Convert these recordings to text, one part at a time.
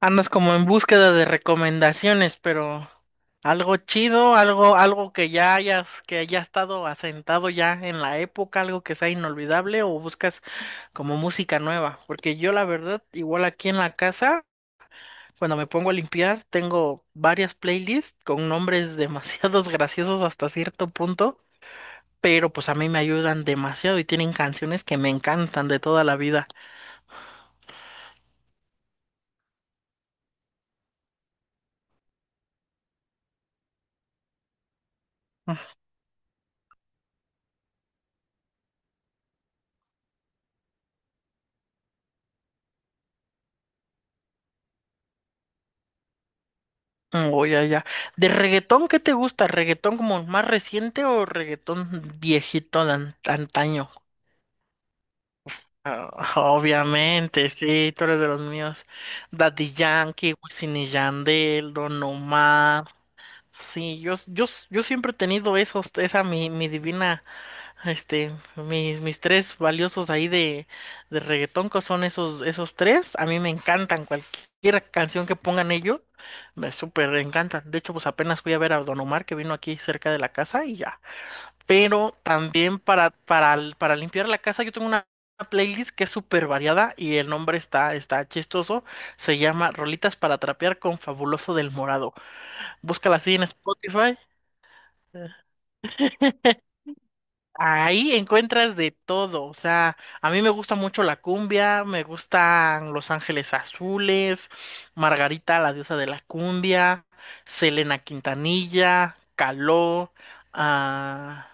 Andas como en búsqueda de recomendaciones, pero algo chido, algo que ya hayas, que haya estado asentado ya en la época, algo que sea inolvidable, o buscas como música nueva. Porque yo la verdad, igual aquí en la casa, cuando me pongo a limpiar, tengo varias playlists con nombres demasiados graciosos hasta cierto punto, pero pues a mí me ayudan demasiado y tienen canciones que me encantan de toda la vida. Oh, ya, ya. ¿De reggaetón qué te gusta? ¿Reggaetón como más reciente o reggaetón viejito antaño? Ah, obviamente, sí, tú eres de los míos. Daddy Yankee, Wisin y Yandel, Don Omar. Sí, yo siempre he tenido esos, esa mi divina, mis tres valiosos ahí de reggaetón, que son esos, esos tres. A mí me encantan cualquier canción que pongan ellos, me súper encantan. De hecho, pues apenas fui a ver a Don Omar, que vino aquí cerca de la casa y ya. Pero también para limpiar la casa, yo tengo una playlist que es súper variada y el nombre está, está chistoso. Se llama Rolitas para Trapear con Fabuloso del Morado. Búscala así en Spotify. Ahí encuentras de todo, o sea, a mí me gusta mucho la cumbia, me gustan Los Ángeles Azules, Margarita, la diosa de la cumbia, Selena Quintanilla, Caló, ah,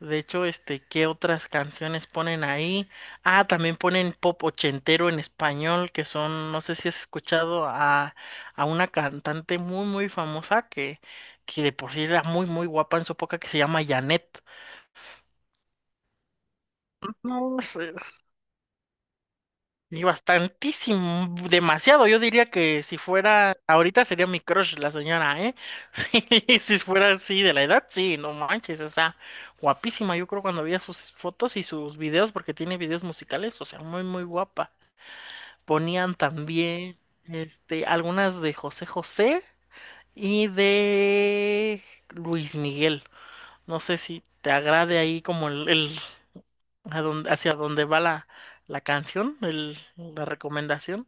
de hecho, ¿qué otras canciones ponen ahí? Ah, también ponen pop ochentero en español, que son, no sé si has escuchado a una cantante muy, muy famosa que de por sí era muy, muy guapa en su época, que se llama Janet. No, y bastantísimo, demasiado. Yo diría que si fuera, ahorita sería mi crush la señora, ¿eh? Sí, si fuera así de la edad, sí, no manches, o sea, guapísima. Yo creo cuando veía sus fotos y sus videos, porque tiene videos musicales, o sea, muy, muy guapa. Ponían también, algunas de José José y de Luis Miguel. No sé si te agrade ahí como hacia dónde va la, la canción, la recomendación.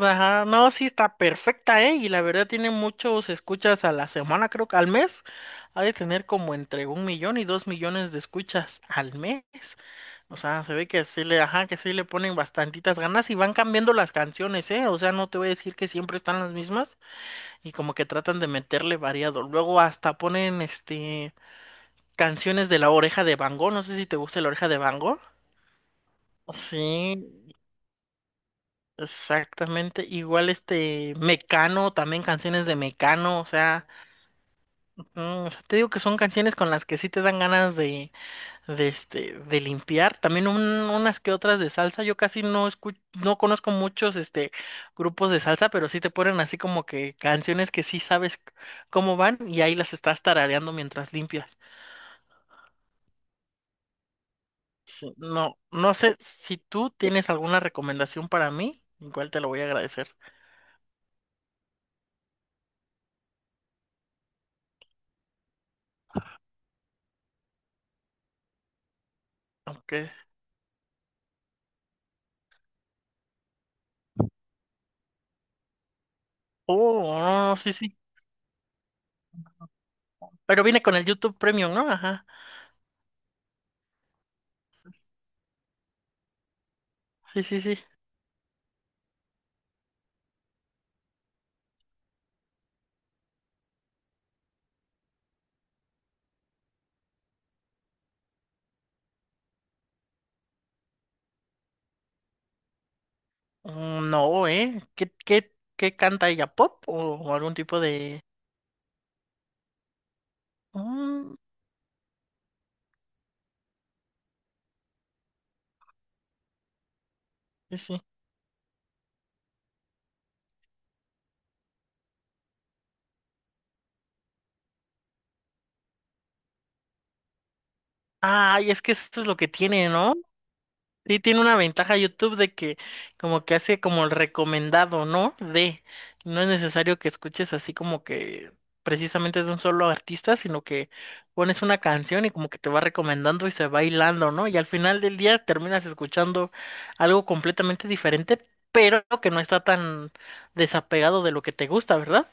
Ajá, no, sí está perfecta, ¿eh? Y la verdad tiene muchos escuchas a la semana, creo que al mes. Ha de tener como entre un millón y dos millones de escuchas al mes. O sea, se ve que sí le, ajá, que sí le ponen bastantitas ganas y van cambiando las canciones, ¿eh? O sea, no te voy a decir que siempre están las mismas y como que tratan de meterle variado. Luego hasta ponen, canciones de La Oreja de Van Gogh. No sé si te gusta La Oreja de Van Gogh. Sí, exactamente, igual este Mecano, también canciones de Mecano, o sea, mm, o sea, te digo que son canciones con las que sí te dan ganas de, de limpiar, también unas que otras de salsa, yo casi no escucho, no conozco muchos este grupos de salsa, pero sí te ponen así como que canciones que sí sabes cómo van y ahí las estás tarareando mientras limpias. Sí, No, no sé si tú tienes alguna recomendación para mí, igual te lo voy a agradecer. Ok. Oh, no, no, no, sí, sí. Pero viene con el YouTube Premium, ¿no? Ajá. Sí, sí, sí. No, ¿eh? ¿Qué, qué, qué canta ella? ¿Pop o algún tipo de...? Mm, sí, sí. Ay, es que esto es lo que tiene, ¿no? Sí, tiene una ventaja YouTube de que como que hace como el recomendado, ¿no? De, no es necesario que escuches así como que precisamente de un solo artista, sino que pones una canción y como que te va recomendando y se va hilando, ¿no? Y al final del día terminas escuchando algo completamente diferente, pero que no está tan desapegado de lo que te gusta, ¿verdad?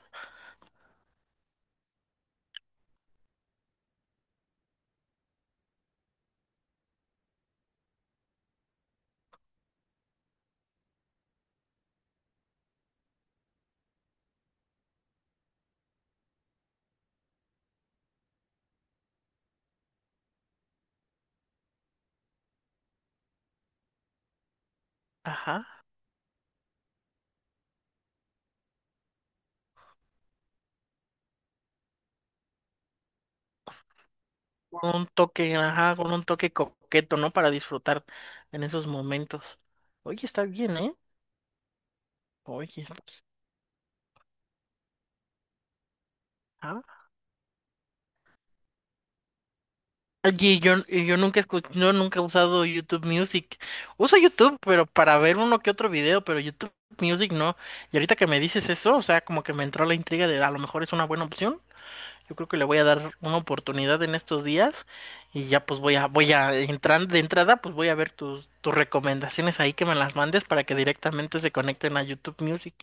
Ajá. Con un toque, ajá, con un toque coqueto, ¿no? Para disfrutar en esos momentos. Oye, está bien, ¿eh? Oye, está- ajá. Oye, yo nunca escu- yo nunca he usado YouTube Music. Uso YouTube, pero para ver uno que otro video, pero YouTube Music no. Y ahorita que me dices eso, o sea, como que me entró la intriga de a lo mejor es una buena opción. Yo creo que le voy a dar una oportunidad en estos días y ya pues voy a entrar de entrada, pues voy a ver tus recomendaciones ahí que me las mandes para que directamente se conecten a YouTube Music.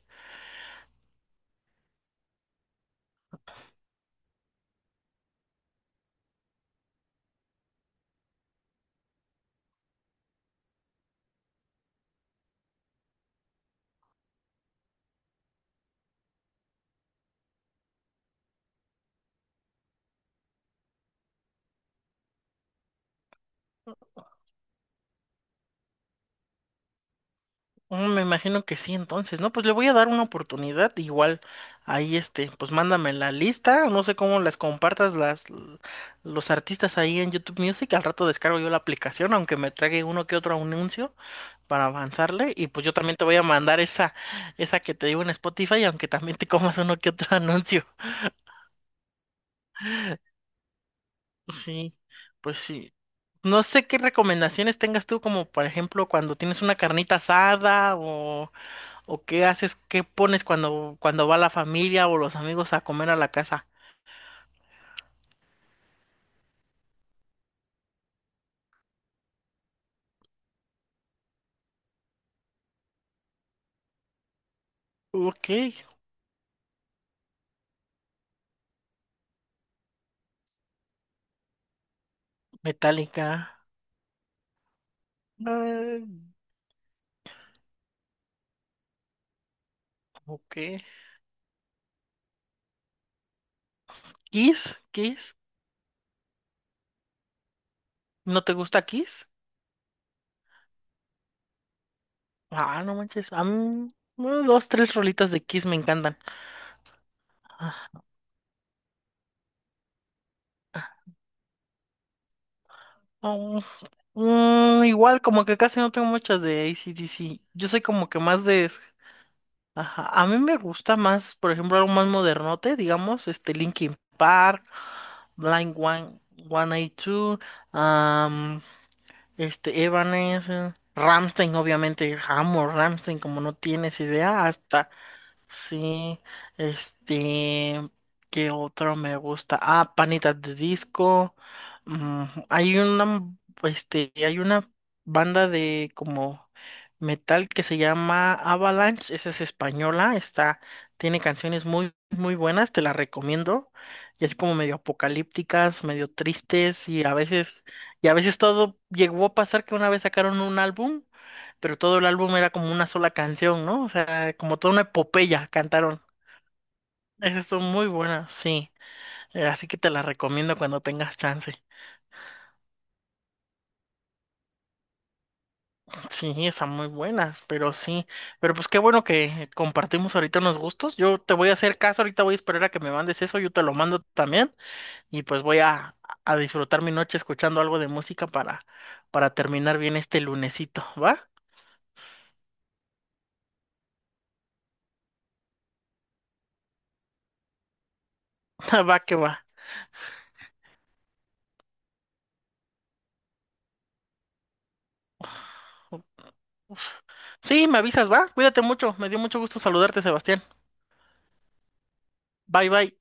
Me imagino que sí, entonces, ¿no? Pues le voy a dar una oportunidad, igual ahí pues mándame la lista, no sé cómo las compartas los artistas ahí en YouTube Music, al rato descargo yo la aplicación, aunque me trague uno que otro anuncio para avanzarle, y pues yo también te voy a mandar esa, esa que te digo en Spotify, aunque también te comas uno que otro anuncio. Sí, pues sí. No sé qué recomendaciones tengas tú, como por ejemplo cuando tienes una carnita asada o ¿o qué haces? ¿Qué pones cuando, cuando va la familia o los amigos a comer a la casa? Ok, Metallica. eh, ok. Kiss, Kiss. ¿No te gusta Kiss? Ah, no manches. A mí, bueno, dos, tres rolitas de Kiss me encantan. Ah, igual, como que casi no tengo muchas de AC/DC. Yo soy como que más de ajá. A mí me gusta más, por ejemplo, algo más modernote, digamos, este Linkin Park, Blind One, 182, am, este Evanescence, Ramstein, obviamente, amo Ramstein, como no tienes idea, hasta sí, este, ¿qué otro me gusta? Ah, Panitas de Disco. Hay una, hay una banda de como metal que se llama Avalanche, esa es española, está, tiene canciones muy, muy buenas, te las recomiendo. Y así como medio apocalípticas, medio tristes y a veces todo llegó a pasar que una vez sacaron un álbum pero todo el álbum era como una sola canción, ¿no? O sea, como toda una epopeya cantaron. Esa estuvo muy buena, sí. Así que te la recomiendo cuando tengas chance. Sí, están muy buenas, pero sí. Pero pues qué bueno que compartimos ahorita unos gustos. Yo te voy a hacer caso, ahorita voy a esperar a que me mandes eso, yo te lo mando también. Y pues voy a disfrutar mi noche escuchando algo de música para terminar bien este lunesito, ¿va? Va que va. Sí, me avisas, ¿va? Cuídate mucho. Me dio mucho gusto saludarte, Sebastián. Bye, bye.